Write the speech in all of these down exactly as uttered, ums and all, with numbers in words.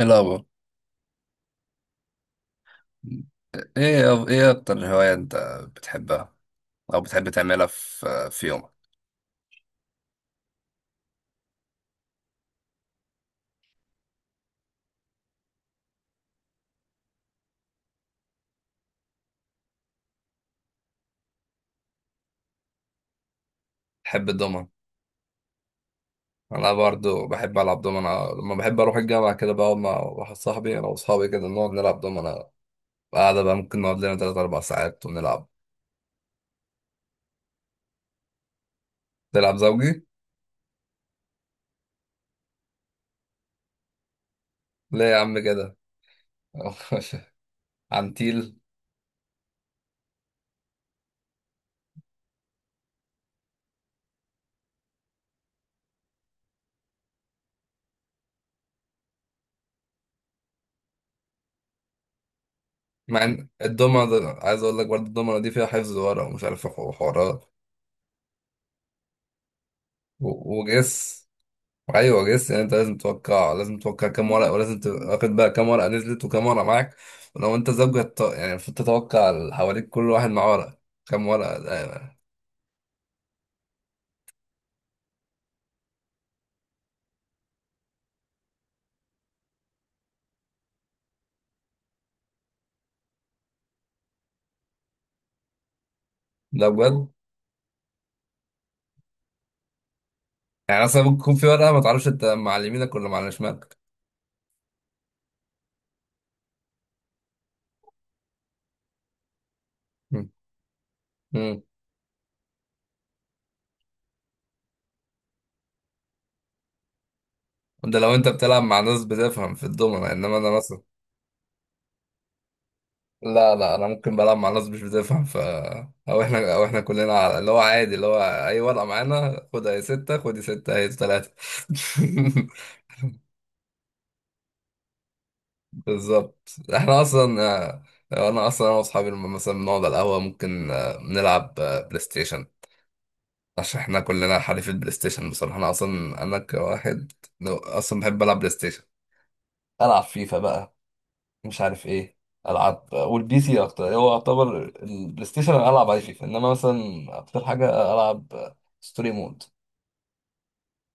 ايه الأخبار؟ ايه ايه اكتر هواية انت بتحبها او بتحب تعملها في في يومك؟ بحب الدومنة. انا برضو بحب العب دومنة، لما بحب اروح الجامعه كده بقعد مع واحد صاحبي، انا واصحابي كده نقعد نلعب دومنة. قاعده بقى ممكن نقعد لنا تلات اربع ساعات ونلعب. تلعب زوجي؟ ليه يا عم كده؟ عنتيل. مع ان الدومنة ده، عايز اقول لك برضو الدومنة دي فيها حفظ ورق ومش عارف حوارات. و- وجس. ايوه جس، يعني انت لازم توقع، لازم توقع كام ورقه، ولازم تبقى واخد بقى كام ورقه نزلت وكام ورقه معاك. ولو انت زوجة، ت- يعني المفروض تتوقع اللي حواليك كل واحد معاه ورقه كام ورقه ده، يعني. ده بجد. يعني اصلا ممكن يكون في ورقه ما تعرفش انت مع اللي يمينك ولا مع اللي شمالك. مم. مم. ده لو انت بتلعب مع ناس بتفهم في الدومنة، انما انا مثلا، لا لا، انا ممكن بلعب مع ناس مش بتفهم. ف او احنا او احنا كلنا على- اللي هو عادي، اللي هو اي ورقه معانا خدها يا سته، خد يا سته هي ثلاثه. بالظبط. احنا اصلا آه، انا اصلا انا واصحابي لما مثلا بنقعد على القهوه ممكن آه، نلعب آه، بلاي ستيشن، عشان احنا كلنا حريف البلاي ستيشن. بصراحه انا اصلا انا كواحد لو- اصلا بحب العب بلاي ستيشن، العب فيفا بقى، مش عارف ايه. العب والبي سي اكتر، هو يعتبر البلاي ستيشن أنا العب عليه فيفا، انما مثلا اكتر حاجه العب آه، ستوري مود،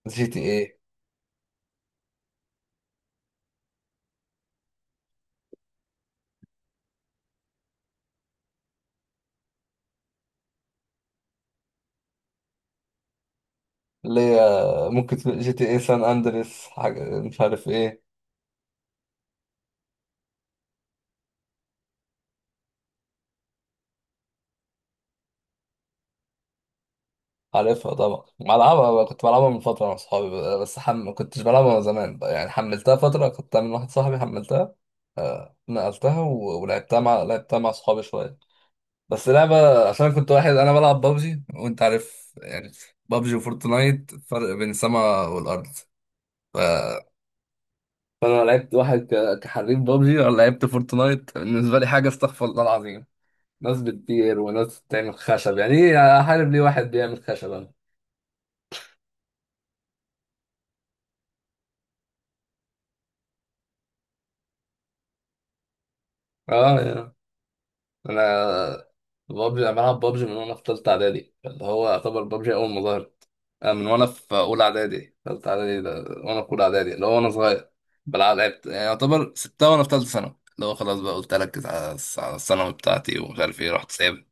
جي تي ايه. اللي هي ممكن جي تي ايه سان اندريس، حاجه مش عارف ايه. عارفها طبعا، بلعبها بقى، كنت بلعبها من فترة مع صحابي بقى، بس حم... ما كنتش بلعبها من زمان بقى. يعني حملتها فترة، كنت من واحد صاحبي حملتها، نقلتها و... ولعبتها مع لعبتها مع صحابي شوية. بس لعبة، عشان كنت واحد أنا بلعب بابجي وأنت عارف يعني، بابجي وفورتنايت فرق بين السماء والأرض. ف... فأنا لعبت واحد ك... كحريف بابجي، وأنا لعبت فورتنايت بالنسبة لي حاجة استغفر الله العظيم. ناس بتطير وناس بتعمل خشب، يعني إيه أحارب ليه واحد بيعمل خشب أنا؟ اه يعني. انا بابجي، انا بلعب بابجي من وانا في ثالثه اعدادي، اللي هو يعتبر بابجي اول ما ظهرت. أنا من وانا في اولى اعدادي. ثالثه اعدادي ده وانا في اولى اعدادي، اللي هو وانا صغير بلعب، لعبت يعني. يعتبر سبتها وانا في ثالثه ثانوي، اللي هو خلاص بقى قلت اركز على الس- على الثانوي بتاعتي ومش عارف ايه، رحت سايب.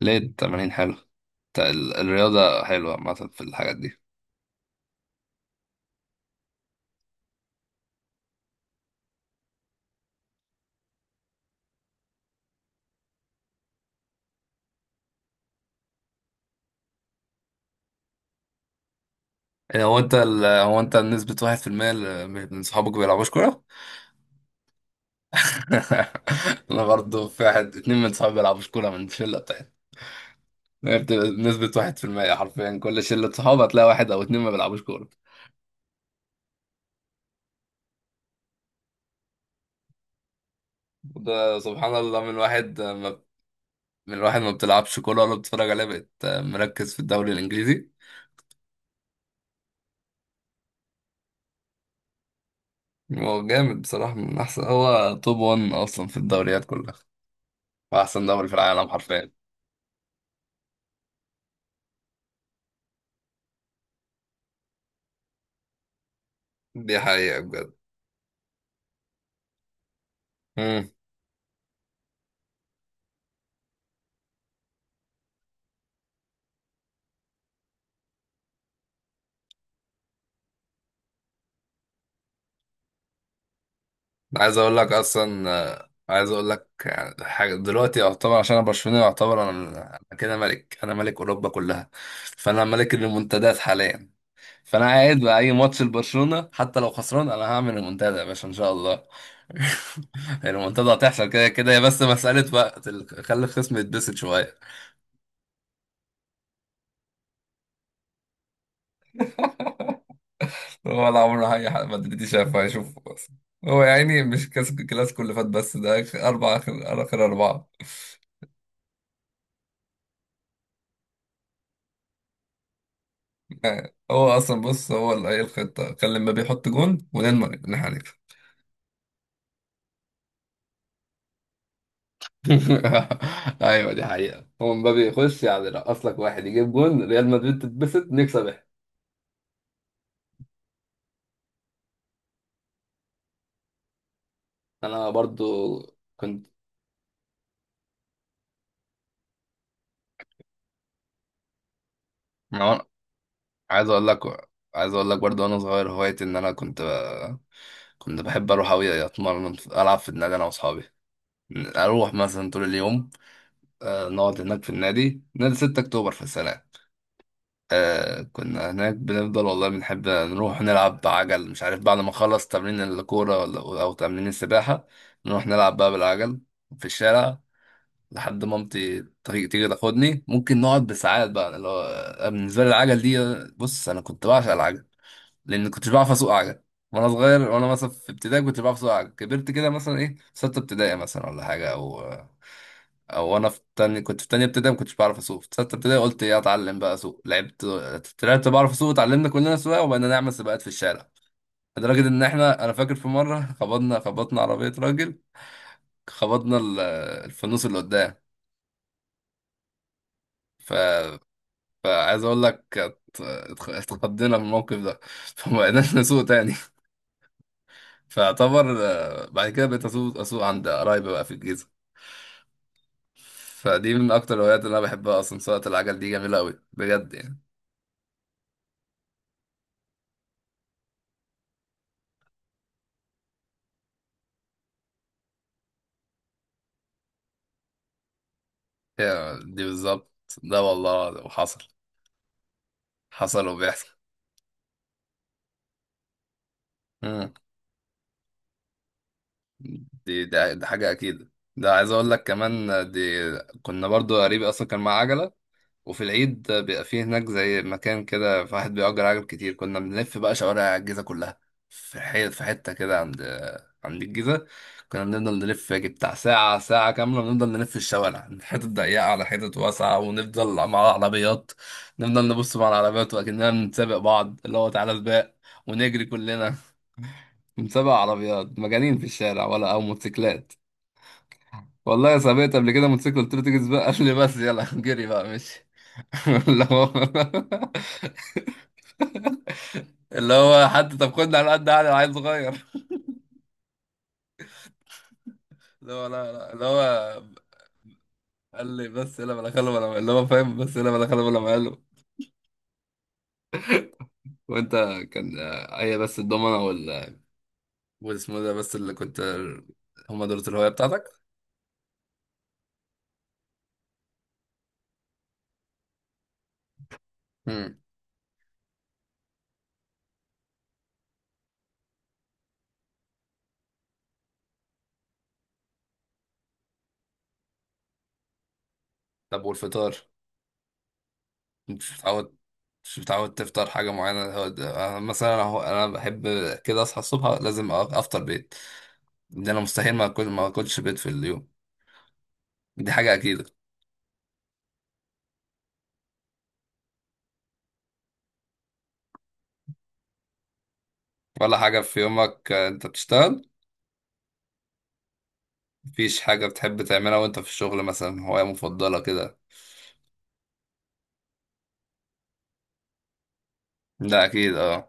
ليه؟ التمارين حلو، الرياضه حلوه عامه في الحاجات دي. إيه، هو انت ال... هو انت نسبة واحد في المية ال- من صحابك بيلعبوش كورة؟ أنا برضه، في واحد اتنين من صحابي بيلعبوش كورة من الشلة. هي بتبقى نسبة واحد في المية حرفيا، كل شلة صحاب هتلاقي واحد أو اتنين ما بيلعبوش كورة. وده سبحان الله، من واحد ما من واحد ما بتلعبش كورة ولا بتتفرج عليها بقت مركز في الدوري الإنجليزي. هو جامد بصراحة، من أحسن، هو توب واحد أصلا في الدوريات كلها، وأحسن دوري في العالم حرفيا. دي حقيقة بجد. مم. عايز أقول لك أصلا، آه، عايز أقول لك يعني حاجة دلوقتي يعتبر، عشان أنا برشلوني، يعتبر أنا، أنا كده ملك، أنا ملك أوروبا كلها، فأنا ملك المنتديات حاليا. فانا قاعد بقى اي ماتش لبرشلونه حتى لو خسران انا هعمل المنتدى يا باشا ان شاء الله. المنتدى هتحصل كده كده، هي بس مساله وقت، ال- خلي الخصم يتبسط شويه. هو ولا عمره اي حد مدريدي شافه هيشوفه بس. هو يا عيني مش كاس الكلاسيكو اللي فات بس، ده آخر اربع، اخر آخر اربعه. هو اصلا بص، هو اللي هي الخطه كان لما بيحط جون ونضمن ان احنا هنكسب. ايوه دي حقيقه، هو مبابي يخش، يعني رقص لك واحد يجيب جون، ريال مدريد تتبسط، نكسب. انا برضو كنت، أنا عايز اقول لك، عايز اقول لك برضه وانا صغير هوايتي ان انا كنت ب... كنت بحب اروح اوي اتمرن في- العب في النادي انا واصحابي. اروح مثلا طول اليوم آه، نقعد هناك في النادي، نادي ستة اكتوبر، في السنه. آه، كنا هناك بنفضل والله بنحب نروح نلعب بعجل مش عارف، بعد ما نخلص تمرين الكوره ولا- او تمرين السباحه نروح نلعب بقى بالعجل في الشارع، لحد مامتي تيجي تيجي تاخدني، ممكن نقعد بساعات بقى اللي هو. أنا بالنسبه لي العجل دي، بص انا كنت بعشق العجل، لان كنتش بعرف اسوق عجل وانا صغير. وانا مثلا في ابتدائي كنت بعرف اسوق عجل، كبرت كده مثلا ايه، في سته ابتدائي مثلا ولا حاجه، او او وانا في تاني كنت في تانيه ابتدائي ما كنتش بعرف اسوق، في سته ابتدائي قلت ايه اتعلم بقى اسوق، لعبت، طلعت بعرف اسوق، اتعلمنا كلنا سواقه وبقينا نعمل سباقات في الشارع. لدرجه ان احنا، انا فاكر في مره خبطنا خبطنا عربيه راجل، خبطنا ال- الفانوس اللي قدام. فعايز اقول لك، ات- اتخ- اتخضينا من الموقف ده، فما بقيناش نسوق تاني. فاعتبر آه، بعد كده بقيت اسوق، اسوق عند قرايبي بقى في الجيزه. فدي من اكتر الهوايات اللي انا بحبها اصلا، سواقه العجل دي جميله قوي بجد يعني. هي دي بالظبط، ده والله وحصل، حصل وبيحصل. مم. دي، ده ده حاجه اكيد. ده عايز اقول لك كمان آه، دي، كنا برضو قريبي اصلا كان معاه عجله، وفي العيد بيبقى فيه هناك زي مكان كده في واحد بيأجر عجل كتير، كنا بنلف بقى شوارع الجيزة كلها. في حي... في حتة كده عند عند الجيزة. كنا بنفضل نلف يجي بتاع ساعة، ساعة كاملة بنفضل نلف الشوارع من حتة ضيقة على حتة واسعة، ونفضل مع العربيات، نفضل نبص مع العربيات وأكننا بنسابق بعض اللي هو تعالى سباق، ونجري كلنا. بنسابق عربيات مجانين في الشارع ولا أو موتوسيكلات. والله سابقت قبل كده موتوسيكل، قلت له تيجي سباق، قال لي بس يلا جري بقى، ماشي. اللي هو، اللي هو حتى طب خدني على قد عقلي انا عيل صغير. اللي هو لا لا، اللي هو قال لي بس يلا بلا خلو بلا، اللي هو فاهم بس يلا بلا خلو بلا مقاله. وانت كان آه، هي بس الضمنه وال والاسمه ده بس اللي كنت، هما دول الهوايه بتاعتك. امم. طب والفطار، انت مش متعود، مش متعود تفطر حاجه معينه؟ هو ده- أنا مثلا، انا هو- أنا بحب كده اصحى الصبح لازم أ- افطر بيض. ده انا مستحيل ما اكل، ما اكلش بيض في اليوم. دي حاجه اكيده. ولا حاجه في يومك، آه، انت بتشتغل، مفيش حاجة بتحب تعملها وانت في الشغل مثلا، هواية مفضلة كده؟ ده اكيد اه.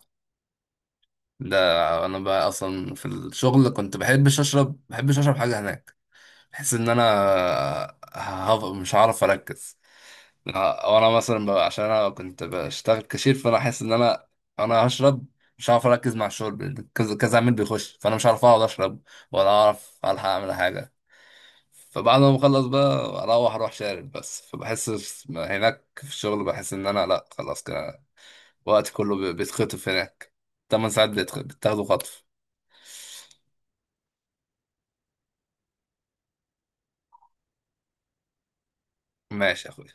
ده انا بقى اصلا في الشغل كنت بحبش اشرب، بحبش اشرب حاجة هناك، بحس ان انا هف- مش هعرف اركز. لا، وانا مثلا بقى عشان انا كنت بشتغل كاشير، فانا احس ان انا انا هشرب، مش هعرف اركز مع الشرب، كذا كذا عميل بيخش، فانا مش هعرف اقعد اشرب ولا اعرف الحق اعمل حاجة. فبعد ما بخلص بقى اروح، اروح شارب بس فبحس. هناك في الشغل بحس ان انا لا خلاص كده، وقت كله بي- بيتخطف هناك، ثمان ساعات بيتخ- بتاخدوا خطف. ماشي يا اخويا.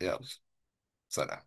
يلا، سلام.